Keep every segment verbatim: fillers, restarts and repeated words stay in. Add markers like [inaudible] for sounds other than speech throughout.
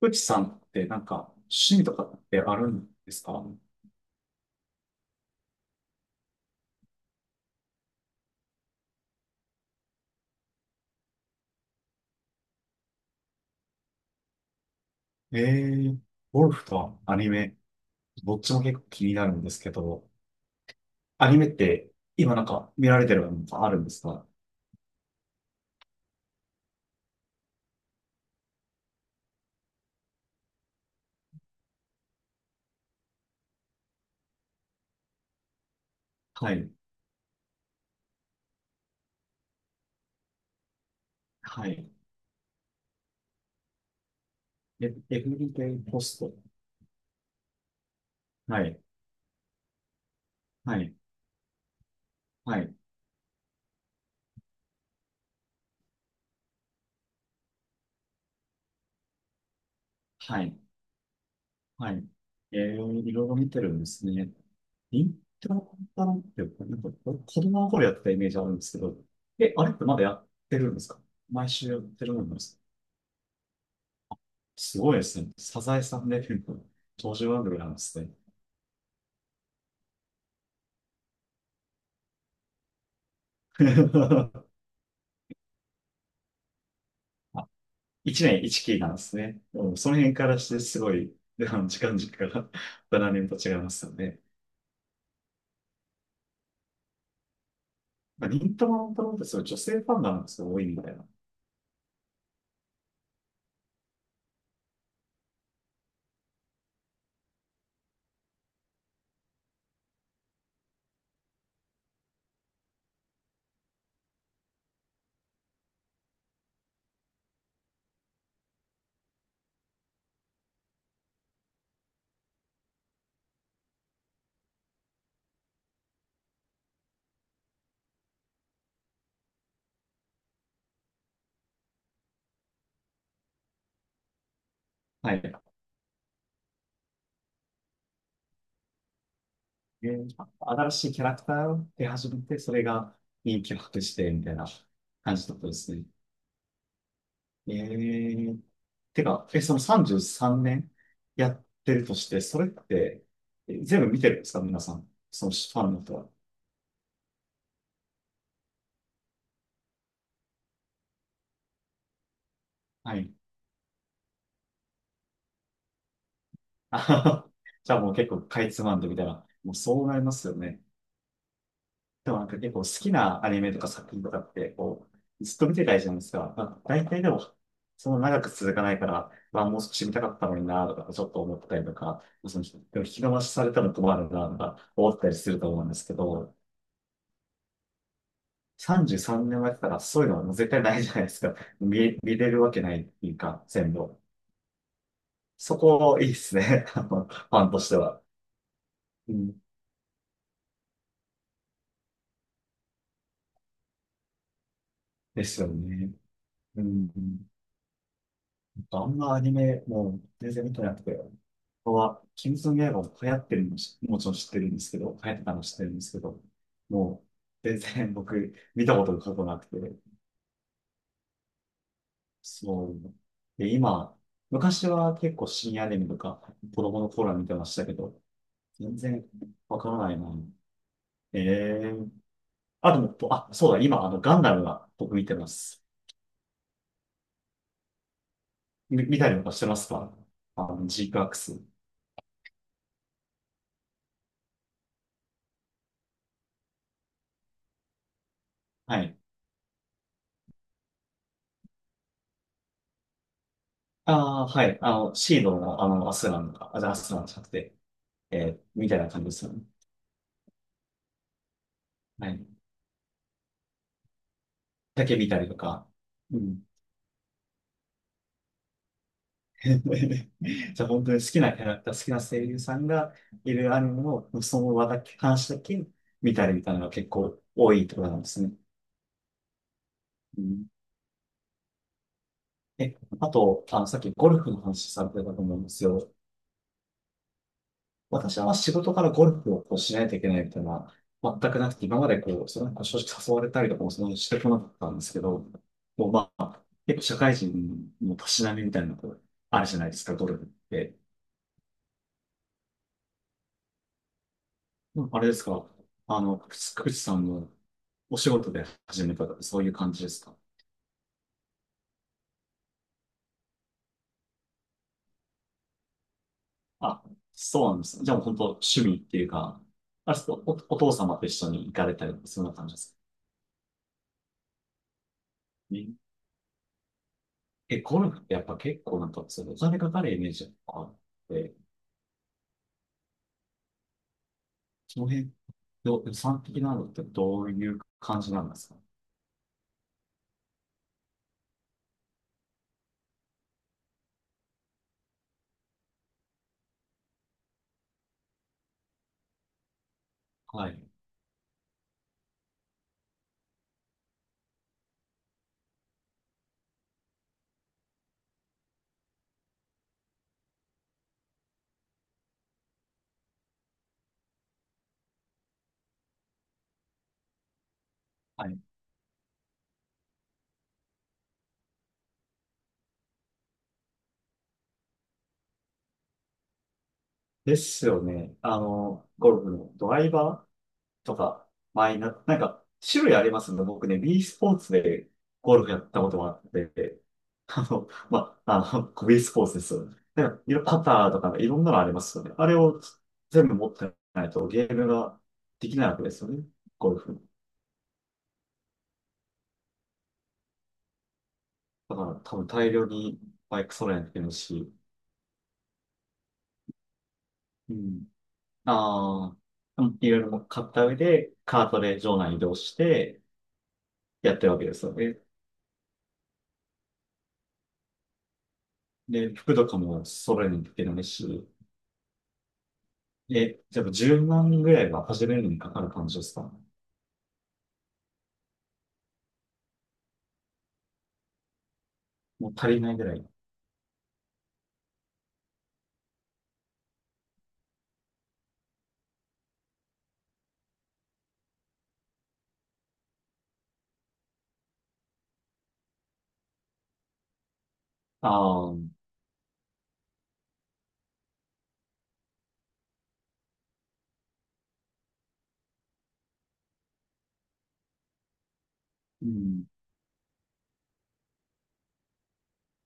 富士さんってなんか趣味とかってあるんですか？ええー、ゴルフとアニメ、どっちも結構気になるんですけど、アニメって今なんか見られてるのがあるんですか？はい。はい。え、エブリデイポスト。はい。はい。はい。はい。はい。えー、いろいろ見てるんですね。イントロパンって、なんか子供の頃やってたイメージあるんですけど、え、あれってまだやってるんですか？毎週やってるもんですか？すごいですね。サザエさんデビューの登場番組なんですね。[laughs] あ、いちねんいっきなんですね。うん、その辺からしてすごい、あの時間軸が [laughs] ななねんと [laughs] 違いますよね。まあ、忍たま乱太郎ってそういう女性ファンがなんですよ、多いみたいな。はい。で、新しいキャラクターを出始めて、それが人気を博して、みたいな感じだったですね。ええ、てか、え、そのさんじゅうさんねんやってるとして、それって、え、全部見てるんですか皆さん。そのファンの人は。はい。あはは [laughs] じゃあもう結構かいつまんでみたいな。もうそうなりますよね。でもなんか結構好きなアニメとか作品とかって、こう、ずっと見てたいじゃないですか。まあ、大体でも、その長く続かないから、まあもう少し見たかったのになとか、ちょっと思ったりとか、その、でも引き伸ばしされたら困るなとか思ったりすると思うんですけど、さんじゅうさんねんまえからそういうのはもう絶対ないじゃないですか。[laughs] 見、見れるわけないっていうか、全部。そこ、いいですね。[laughs] あのファンとしては。うん、ですよね。うん。あんまアニメ、もう全然見てなくて。ここは、鬼滅の刃も流行ってるのし、もちろん知ってるんですけど、流行ってたの知ってるんですけど、もう、全然僕、見たことが過去なくて、そう。で、今、昔は結構深夜アニメとか、子供の頃は見てましたけど、全然わからないな。ええー、あ、でも、あ、そうだ、今、あの、ガンダムが僕見てます。み、見たりとかしてますか？あの、ジークアクス。はい。ああ、はい。あの、シードの、あの、アスランがあ、じゃあアスランじゃなくて、えー、みたいな感じですよね。はい。だけ見たりとか。うん。[laughs] じゃあ、本当に好きなキャラクター、好きな声優さんがいるアニメの、その話だけ、話だけ見たりみたいなのが結構多いってことなんですね。うん、え、あと、あの、さっきゴルフの話されてたと思うんですよ。私は仕事からゴルフをこうしないといけないみたいな、全くなくて、今までこう、それなんか正直誘われたりとかもそんなにしてこなかったんですけど、もうまあ、結構社会人のたしなみみたいなのこう、あるじゃないですか、ゴルフって。うん、あれですか、あの、くつくつさんのお仕事で始めたとか、そういう感じですか？あ、そうなんです。じゃあもう本当趣味っていうか、あれですか、お、お父様と一緒に行かれたりとか、そんな感じですか？え、ゴルフってやっぱ結構なんか、そのお金かかるイメージがあって、その辺、ど予算的なのってどういう感じなんですか？はい。はい。ですよね。あの、ゴルフのドライバーとか、マイナー、なんか、種類ありますんで、僕ね、B スポーツでゴルフやったことがあって、あの、まあ、あの、B スポーツですよね。なんか、いろパターとか、いろんなのありますよね。あれを全部持ってないとゲームができないわけですよね。ゴルフ。だから多分大量にバイク揃えないといけないし、うん。ああ、でもいろいろ買った上で、カートで場内移動してやってるわけですよね。で、服とかも揃えないといけないし、え、じゃあじゅうまんぐらいは始めるのにかかる感じですか？もう足りないぐらい。ああ、うん。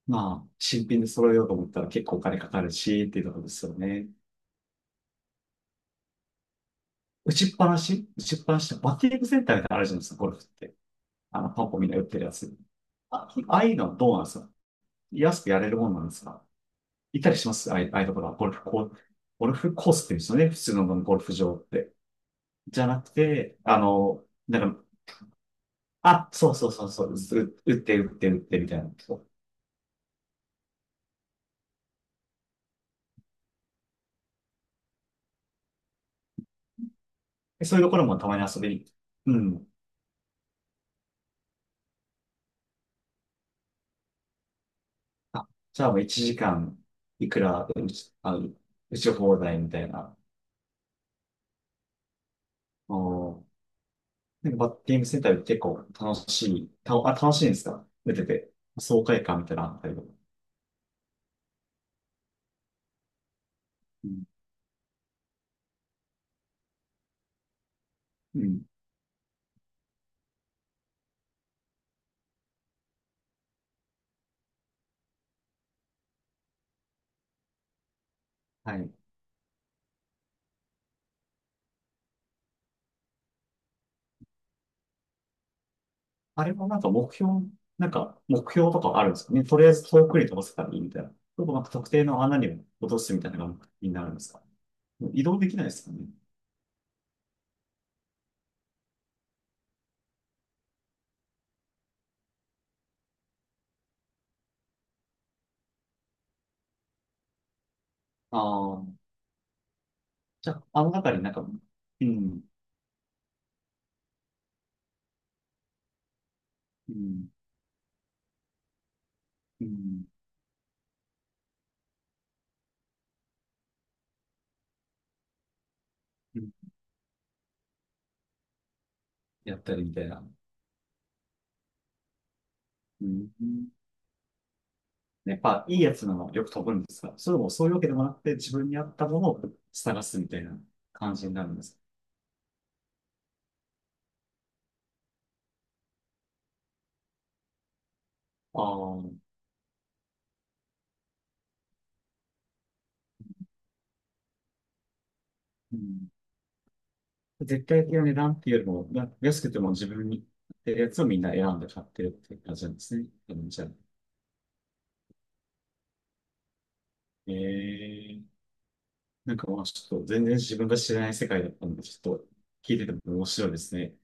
まあ、新品で揃えようと思ったら結構お金かかるし、っていうところですよね。打ちっぱなし打ちっぱなしってバッティングセンターみたいなのあるじゃないですか、ゴルフって。あの、パンポンみんな売ってるやつ。あ、ああいうのはどうなんですか？安くやれるもんなんですか？いたりしますああいうああいうところは、ゴルフコー、ゴルフコースって言うんですよね。普通のゴルフ場って。じゃなくて、あの、なんか、あ、そうそうそうそう、う打って打って打ってみたいな。そうでそういうところもたまに遊びに。うん。あ、じゃあもういちじかんいくら打ち、あの、打ち放題みたいな。おー、なんかバッティングセンターで結構楽しい、た、あ、楽しいんですか打てて。爽快感みたいなのあったりとか。うん。うん。はい。あれもなんか目標、なんか目標とかあるんですかね。とりあえず遠くに飛ばせたらいいみたいな。ちょっとなんか特定の穴に落とすみたいなのが目的になるんですか。もう移動できないですかね。ああ、じゃあ、あの中になんか、うん、うん、うん、うん、やったりみたいな。うん、やっぱいいやつなのよく飛ぶんですが、それもそういうわけでもなくて自分に合ったものを探すみたいな感じになるんです。ああ、うん、絶対的な値段っていうよりも、な安くても自分に合ってるやつをみんな選んで買ってるっていう感じなんですね。うん、じゃあ、えー、なんかまあちょっと全然自分が知らない世界だったんで、ちょっと聞いてても面白いですね。